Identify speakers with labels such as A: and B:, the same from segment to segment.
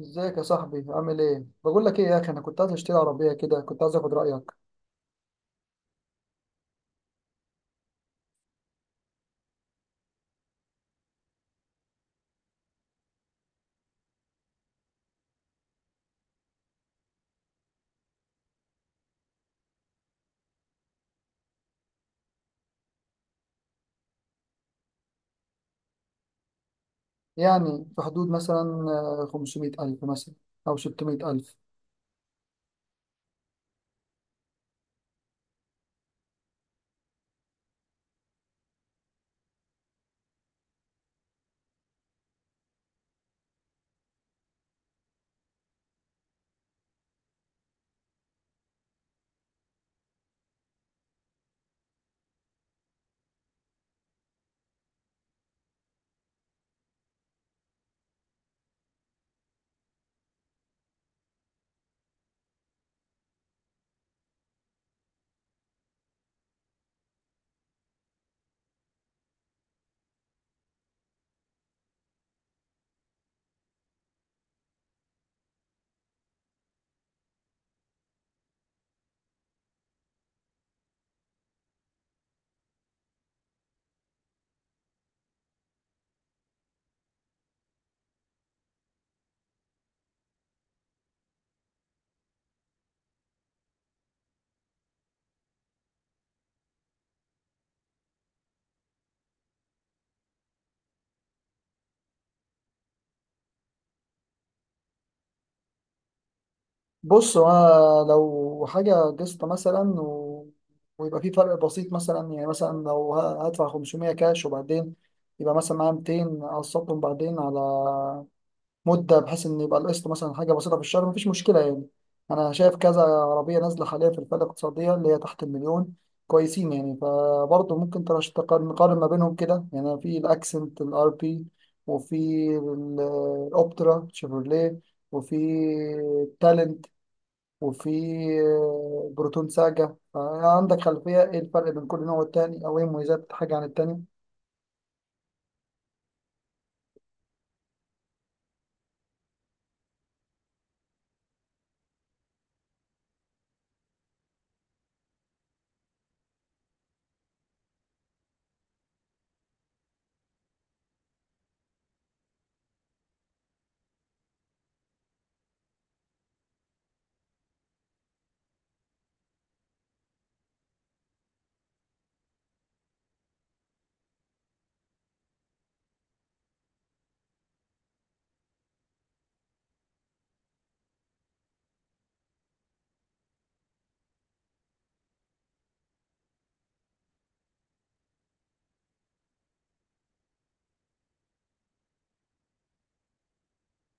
A: ازيك يا صاحبي؟ عامل ايه؟ بقول لك ايه يا اخي، انا كنت عايز اشتري عربيه كده، كنت عايز اخد رايك. يعني في حدود مثلا 500,000 مثلا او 600,000. بص، هو أنا لو حاجه قسط مثلا ويبقى في فرق بسيط مثلا، يعني مثلا لو هدفع 500 كاش، وبعدين يبقى مثلا معايا 200 اقسطهم بعدين على مده، بحيث ان يبقى القسط مثلا حاجه بسيطه في الشهر، مفيش مشكله يعني. انا شايف كذا عربيه نازله حاليا في الفئه الاقتصاديه اللي هي تحت المليون كويسين يعني، فبرضه ممكن نقارن ما بينهم كده يعني. في الاكسنت الار بي، وفي ال- الاوبترا شيفروليه، وفي تالنت، وفي بروتون ساجا. عندك خلفيه ايه الفرق بين كل نوع والتاني، او ايه مميزات حاجه عن التاني؟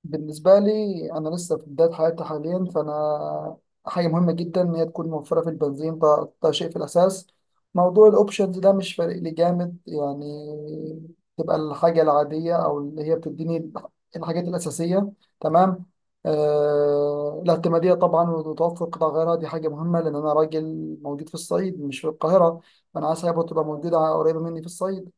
A: بالنسبة لي، أنا لسه في بداية حياتي حاليا، فأنا حاجة مهمة جدا إن هي تكون موفرة في البنزين، ده شيء في الأساس. موضوع الأوبشنز ده مش فارق لي جامد يعني، تبقى الحاجة العادية أو اللي هي بتديني الحاجات الأساسية، تمام. الاعتمادية طبعا، وتوفر قطع غيارها دي حاجة مهمة، لأن أنا راجل موجود في الصعيد مش في القاهرة، فأنا عايز حاجة تبقى موجودة قريبة مني في الصعيد.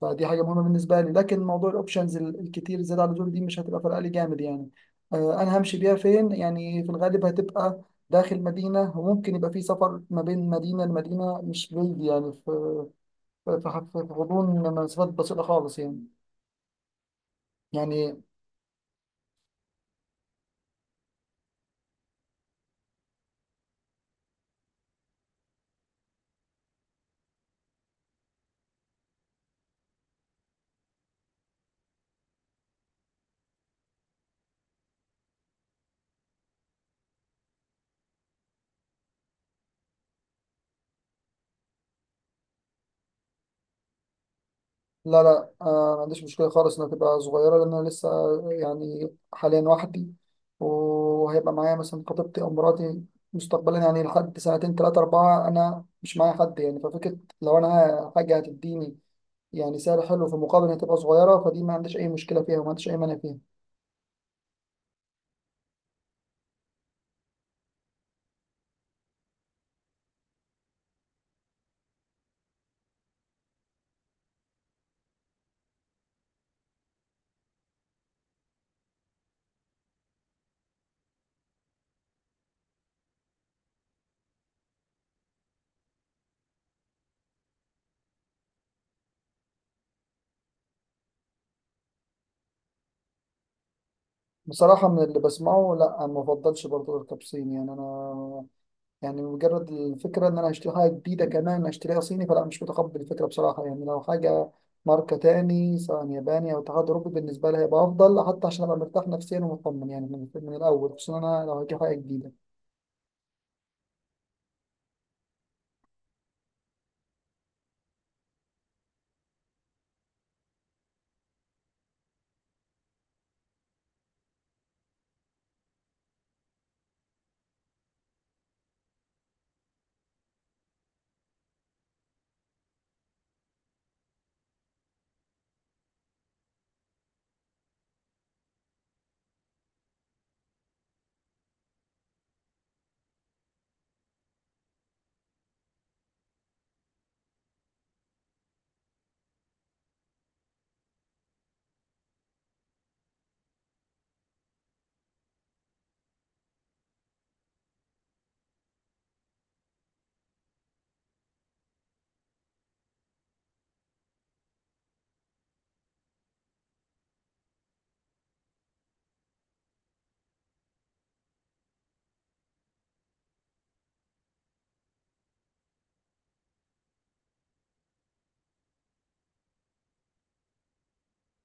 A: فدي حاجه مهمه بالنسبه لي، لكن موضوع الاوبشنز الكتير زياده عن اللزوم دي مش هتبقى فارقه لي جامد يعني. انا همشي بيها فين يعني؟ في الغالب هتبقى داخل مدينه، وممكن يبقى في سفر ما بين مدينه لمدينه، مش بعيد يعني، في غضون مسافات بسيطه خالص يعني. يعني لا لا، ما عنديش مشكلة خالص إنها تبقى صغيرة، لأن أنا لسه يعني حاليا وحدي، وهيبقى معايا مثلا خطيبتي أو مراتي مستقبلا يعني، لحد سنتين تلاتة أربعة أنا مش معايا حد يعني. ففكرة لو أنا حاجة هتديني يعني سعر حلو في مقابل إنها تبقى صغيرة، فدي ما عنديش أي مشكلة فيها وما عنديش أي مانع فيها. بصراحة، من اللي بسمعه لا، أنا ما بفضلش برضه التبصين يعني، أنا يعني مجرد الفكرة إن أنا هشتري حاجة جديدة كمان أشتريها صيني، فلا، مش متقبل الفكرة بصراحة يعني. لو حاجة ماركة تاني، سواء ياباني أو اتحاد أوروبي، بالنسبة لي هيبقى أفضل، حتى عشان أبقى مرتاح نفسيا ومطمن يعني من الأول، خصوصا أنا لو هجيب حاجة جديدة.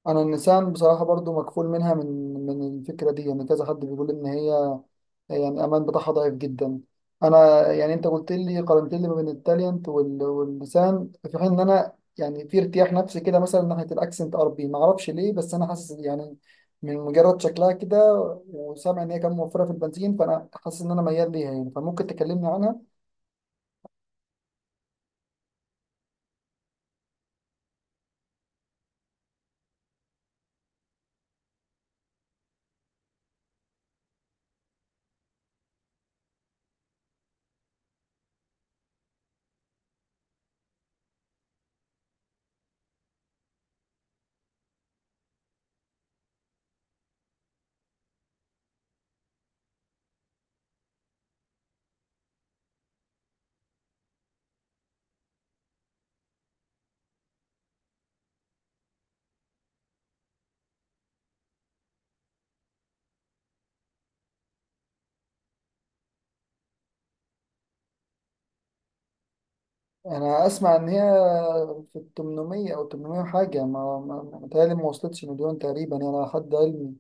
A: انا النسان بصراحه برضو مكفول منها، من الفكره دي يعني، كذا حد بيقول ان هي يعني الامان بتاعها ضعيف جدا. انا يعني انت قلت لي قارنت لي ما بين التالينت واللسان، في حين ان انا يعني في ارتياح نفسي كده مثلا ناحيه الاكسنت اربي، ما اعرفش ليه، بس انا حاسس يعني من مجرد شكلها كده، وسامع ان هي كانت موفره في البنزين، فانا حاسس ان انا ميال ليها يعني، فممكن تكلمني عنها؟ انا اسمع ان هي في ال 800 او 800 حاجه، متهيألي ما وصلتش مليون تقريبا يعني، على حد علمي.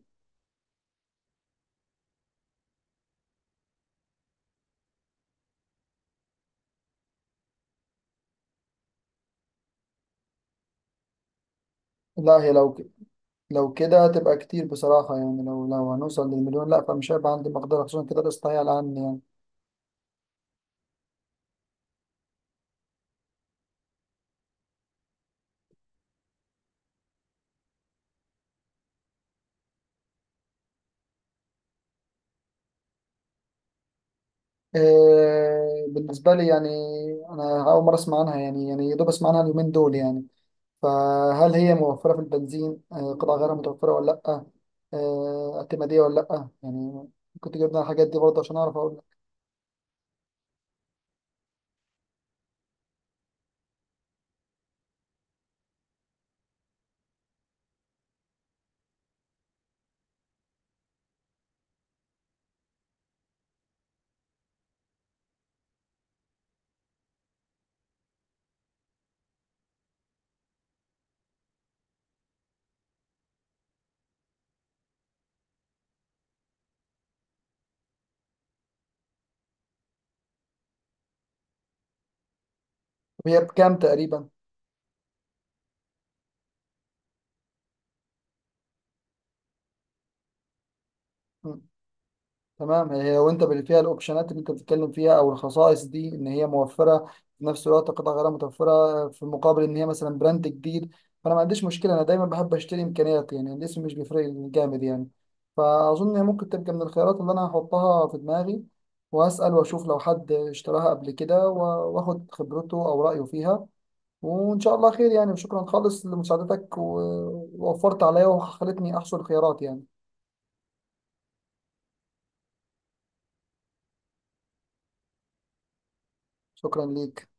A: لا هي لو كده هتبقى كتير بصراحة يعني. لو هنوصل للمليون، لا، فمش هيبقى عندي مقدرة، خصوصا كده القسط هي على عني يعني. إيه بالنسبة لي يعني؟ أنا أول مرة أسمع عنها يعني يا دوب أسمع عنها اليومين دول يعني. فهل هي موفرة في البنزين؟ قطع غيرها متوفرة ولا لأ؟ اعتمادية ولا لأ يعني؟ كنت جبنا الحاجات دي برضه عشان أعرف أقول لك. طب هي بكام تقريبا؟ تمام، هي وانت اللي فيها الاوبشنات اللي انت بتتكلم فيها او الخصائص دي، ان هي موفره في نفس الوقت قطع غيار متوفره، في مقابل ان هي مثلا براند جديد، فانا ما عنديش مشكله، انا دايما بحب اشتري امكانيات يعني، الاسم مش بيفرق لي جامد يعني. فاظن هي ممكن تبقى من الخيارات اللي انا هحطها في دماغي، واسال واشوف لو حد اشتراها قبل كده واخد خبرته او رايه فيها. وان شاء الله خير يعني، وشكرا خالص لمساعدتك، ووفرت عليا وخلتني احصل خيارات يعني. شكرا ليك.